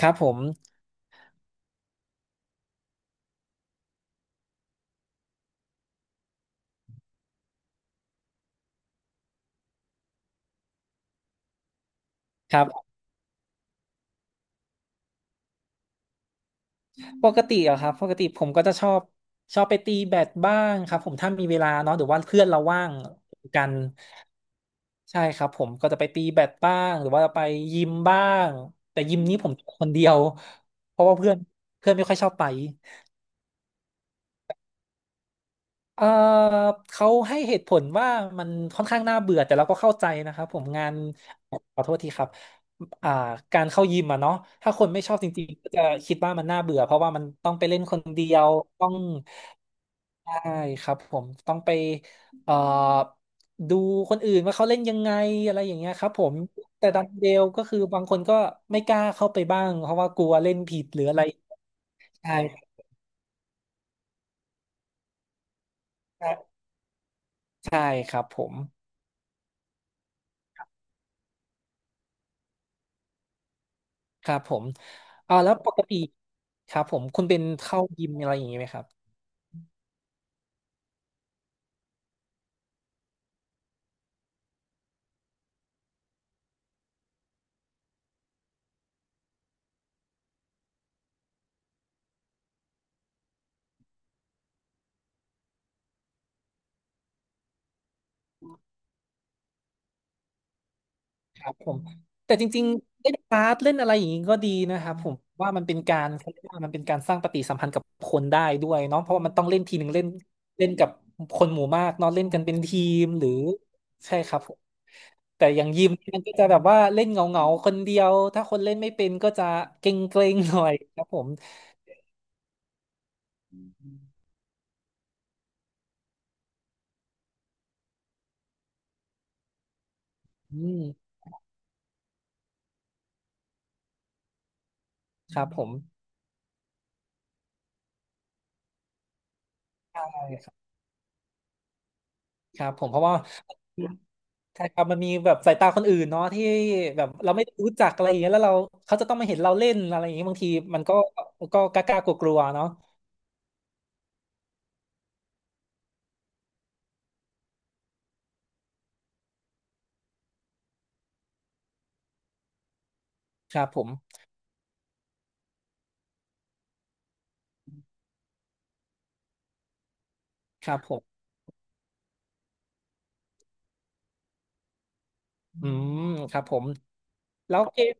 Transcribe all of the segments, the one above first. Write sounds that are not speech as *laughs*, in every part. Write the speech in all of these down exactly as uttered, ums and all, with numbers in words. ครับผมครับปกติอะครับปกติผมก็จะชอบชอบไปตีแบดบ้างครับผมถ้ามีเวลาเนาะหรือว่าเพื่อนเราว่างกันใช่ครับผมก็จะไปตีแบดบ้างหรือว่าไปยิมบ้างแต่ยิมนี้ผมคนเดียวเพราะว่าเพื่อนเพื่อนไม่ค่อยชอบไป เออเขาให้เหตุผลว่ามันค่อนข้างน่าเบื่อแต่เราก็เข้าใจนะครับผมงานขอโทษทีครับอ่าการเข้ายิมอะเนาะถ้าคนไม่ชอบจริงๆก็จะคิดว่ามันน่าเบื่อเพราะว่ามันต้องไปเล่นคนเดียวต้องใช่ครับผมต้องไปเอ่อดูคนอื่นว่าเขาเล่นยังไงอะไรอย่างเงี้ยครับผมแต่ดันเดลก็คือบางคนก็ไม่กล้าเข้าไปบ้างเพราะว่ากลัวเล่นผิดหรืออะไรใช่ใช่ใช่ครับผม ครับผมอ่าแล้วปกติครับผมคุณเป็นเข้ายิมอะไรอย่างนี้ไหมครับครับผมแต่จริงๆเล่นบาสเล่นอะไรอย่างนี้ก็ดีนะครับผมว่ามันเป็นการเขาเรียกว่ามันเป็นการสร้างปฏิสัมพันธ์กับคนได้ด้วยเนาะเพราะว่ามันต้องเล่นทีหนึ่งเล่นเล่นกับคนหมู่มากเนาะเล่นกันเป็นทีมหรือใช่ครับผมแต่อย่างยิมมันก็จะแบบว่าเล่นเงาเงาคนเดียวถ้าคนเล่นไม่เป็นก็จะเกร็งเกรงหน่อยครับผมอืมครับผมใช่ครับครับผมเพราะว่า ใช่ครับมันมีแบบสายตาคนอื่นเนาะที่แบบเราไม่รู้จักอะไรอย่างเงี้ยแล้วเราเขาจะต้องมาเห็นเราเล่นอะไรอย่างเงี้ยบางทีมันก็ก็กล้ากลัวกลัวๆเนาะครับผมครับผมอืมครับผมแล้วเกม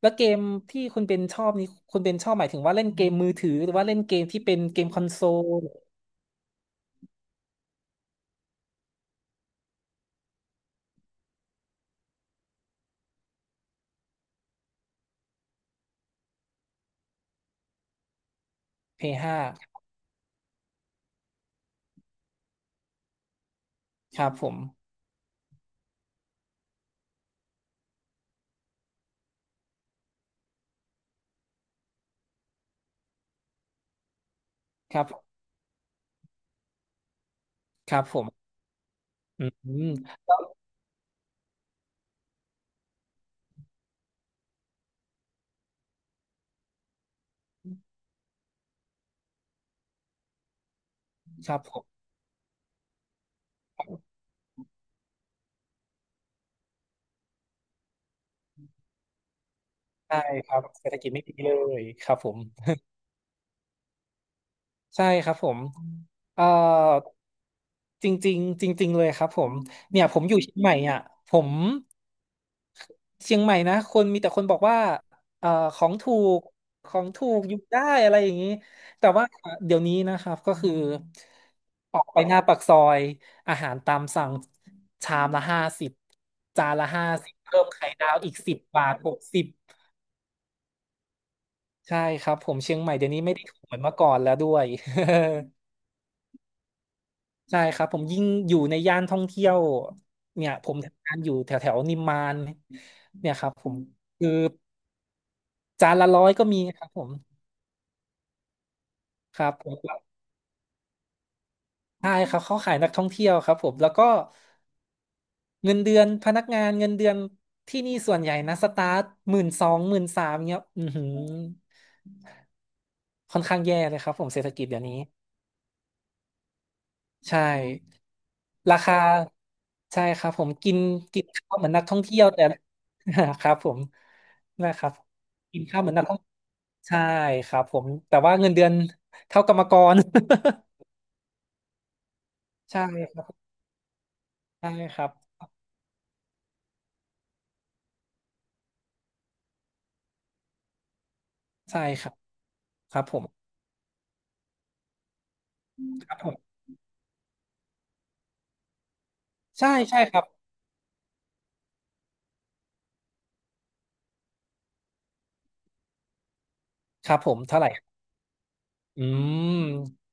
แล้วเกมที่คุณเป็นชอบนี้คุณเป็นชอบหมายถึงว่าเล่นเกมมือถือหรือว่าเล่นเกมที่เป็นเกมคอนโซล พี เอส ห้า ครับผมครับครับผมอืมแล้วครับผมใช่ครับเศรษฐกิจไม่ดีเลยครับผม ใช่ครับผมเอ่อจริงๆจริงๆเลยครับผมเนี่ยผมอยู่เชียงใหม่อ่ะผมเชียงใหม่นะคนมีแต่คนบอกว่าเอ่อของถูกของถูกอยู่ได้อะไรอย่างนี้แต่ว่าเดี๋ยวนี้นะครับก็คือออกไปหน้าปากซอยอาหารตามสั่งชามละห้าสิบจานละห้าสิบเพิ่มไข่ดาวอีกสิบบาทหกสิบใช่ครับผมเชียงใหม่เดี๋ยวนี้ไม่ได้ถูกเหมือนเมื่อก่อนแล้วด้วย *laughs* ใช่ครับผมยิ่งอยู่ในย่านท่องเที่ยวเนี่ยผมทำงานอยู่แถวแถวนิมมานเนี่ยครับผมคือจานละร้อยก็มีครับผมครับผมใช่ครับเขาขายนักท่องเที่ยวครับผมแล้วก็เงินเดือนพนักงานเงินเดือนที่นี่ส่วนใหญ่นะสตาร์ทหมื่นสองหมื่นสามเงี้ยอือหือค่อนข้างแย่เลยครับผมเศรษฐกิจเดี๋ยวนี้ใช่ราคาใช่ครับผมกินกินข้าวเหมือนนักท่องเที่ยวแต่ *laughs* ครับผมนะครับกินข้าวเหมือนนักท่อง ใช่ครับผมแต่ว่าเงินเดือน *laughs* เท่ากรรมกร *laughs* ใช่ครับใช่ครับใช่ครับครับผมครับผมใช่ใช่ครับครับผมเท่าไหร่อืม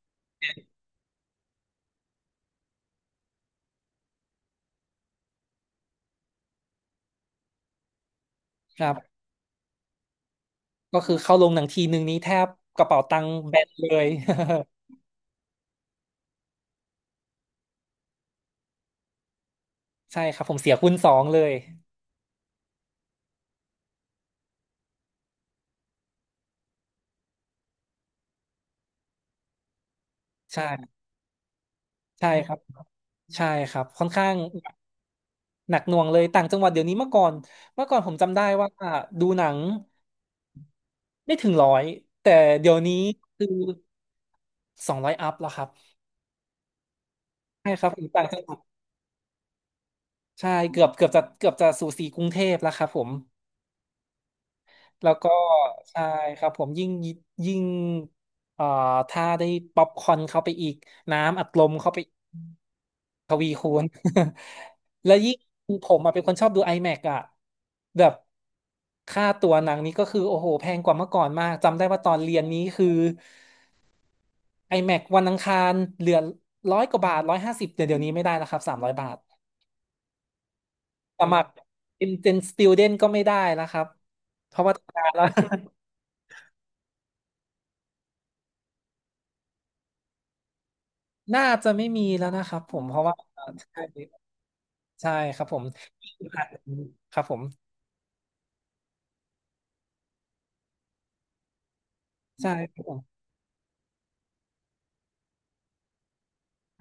ครับก็คือเข้าลงหนังทีนึงนี้แทบกระเป๋าตังค์แบนเลย *laughs* ใช่ครับผมเสียคูณสองเลยใช่ใช่ครับใช่ครับค่อนข้างหนักหน่วงเลยต่างจังหวัดเดี๋ยวนี้เมื่อก่อนเมื่อก่อนผมจำได้ว่าดูหนังไม่ถึงร้อยแต่เดี๋ยวนี้คือสองร้อยอัพแล้วครับ ใช่ครับอยู่ต่างจังหวัดใช่เกือบเกือบจะเกือบจะสู่สีกรุงเทพแล้วครับผมแล้วก็ใช่ครับผมยิ่งยิ่งเอ่อถ้าได้ป๊อปคอร์นเข้าไปอีกน้ำอัดลมเข้าไปอีกทวีคูณ *laughs* แล้วยิ่งผมอะเป็นคนชอบดู IMAX อแม็กซ์อ่ะแบบค่าตัวหนังนี้ก็คือโอ้โหแพงกว่าเมื่อก่อนมากจำได้ว่าตอนเรียนนี้คือ IMAX วันอังคารเหลือร้อยกว่าบาทร้อยห้าสิบเดี๋ยวเดี๋ยวนี้ไม่ได้แล้วครับสามร้อยบาท สมัคร Intern Student ก็ไม่ได้แล้วครับเพราะว่าทำงานแล้ว *laughs* น่าจะไม่มีแล้วนะครับผมเพราะว่าใช่ใช่ครับผมครับผมใช่ครับผม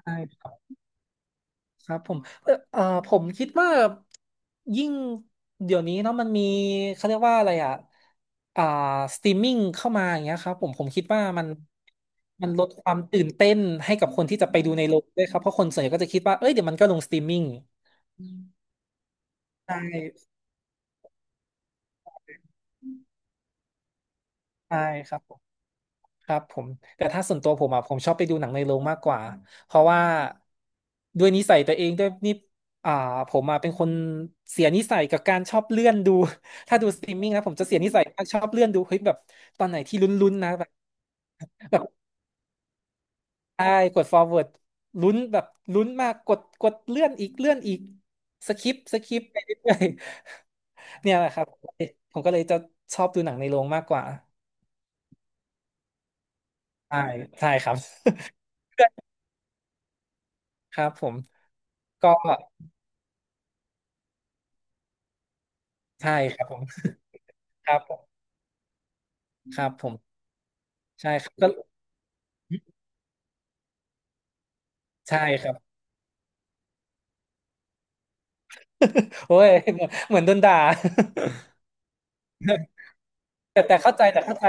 ใช่ครับครับผมเออเอ่อผมคิดว่ายิ่งเดี๋ยวนี้เนาะมันมีเขาเรียกว่าอะไรอ่ะอ่าสตรีมมิ่งเข้ามาอย่างเงี้ยครับผมผมคิดว่ามันมันลดความตื่นเต้นให้กับคนที่จะไปดูในโรงด้วยครับเพราะคนส่วนใหญ่ก็จะคิดว่าเอ้ยเดี๋ยวมันก็ลงสตรีมมิ่งใช่ ใช่ครับผมครับผมแต่ถ้าส่วนตัวผมอ่ะผมชอบไปดูหนังในโรงมากกว่าเพราะว่าด้วยนิสัยตัวเองด้วยนี่อ่าผมอ่ะเป็นคนเสียนิสัยกับการชอบเลื่อนดู *laughs* ถ้าดูสตรีมมิ่งนะผมจะเสียนิสัยมากชอบเลื่อนดูเฮ้ยแบบตอนไหนที่ลุ้นๆนะแบบแบบใช่กด forward ลุ้นแบบลุ้นมากกดกดเลื่อนอีกเลื่อนอีกสคิปสคิปไปเรื่อย *laughs* ๆเนี่ยแหละครับผมก็เลยจะชอบดูหนังในโรงมากกว่าใช่ใช่ครับ *laughs* ครับผมก็ ใช่ครับผม *laughs* ครับผมครับผมใช่ครับก็ใช่ครับ *laughs* โอ้ยเหมือนเหมือนโดนด่า *laughs* แต่แต่เข้าใจแต่เข้าใจ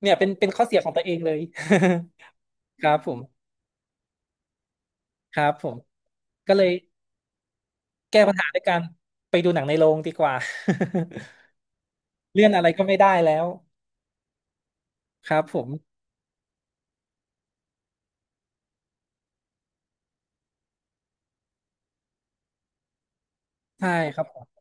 เนี่ยเป็นเป็นข้อเสียของตัวเองเลย *laughs* ครับผมครับผมก็เลยแก้ปัญหาด้วยการไปดูหนังในโรงดีกว่า *laughs* เลื่อนอะไรก็ไม่ได้แล้วครับผมใช่ครับผม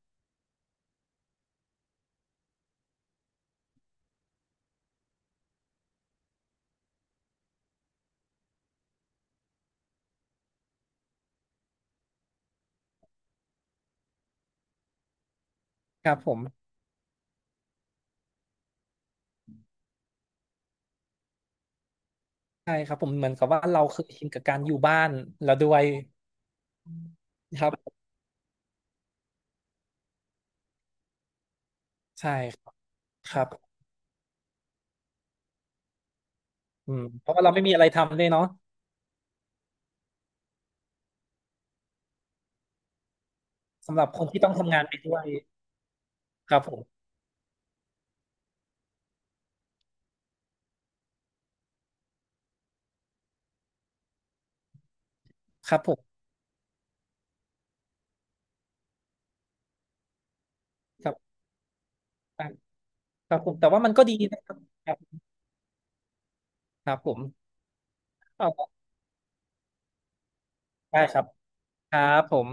ครับผมใช่ครับผมเหมือนกับว่าเราเคยชินกับการอยู่บ้านแล้วด้วยครับใช่ครับครับอืมเพราะว่าเราไม่มีอะไรทำเลยเนาะ สำหรับคนที่ต้องทำงานไปด้วยครับผมครับผมครับครับผมแต่ว่ามันก็ดีนะครับครับครับผมเอาได้ครับครับผม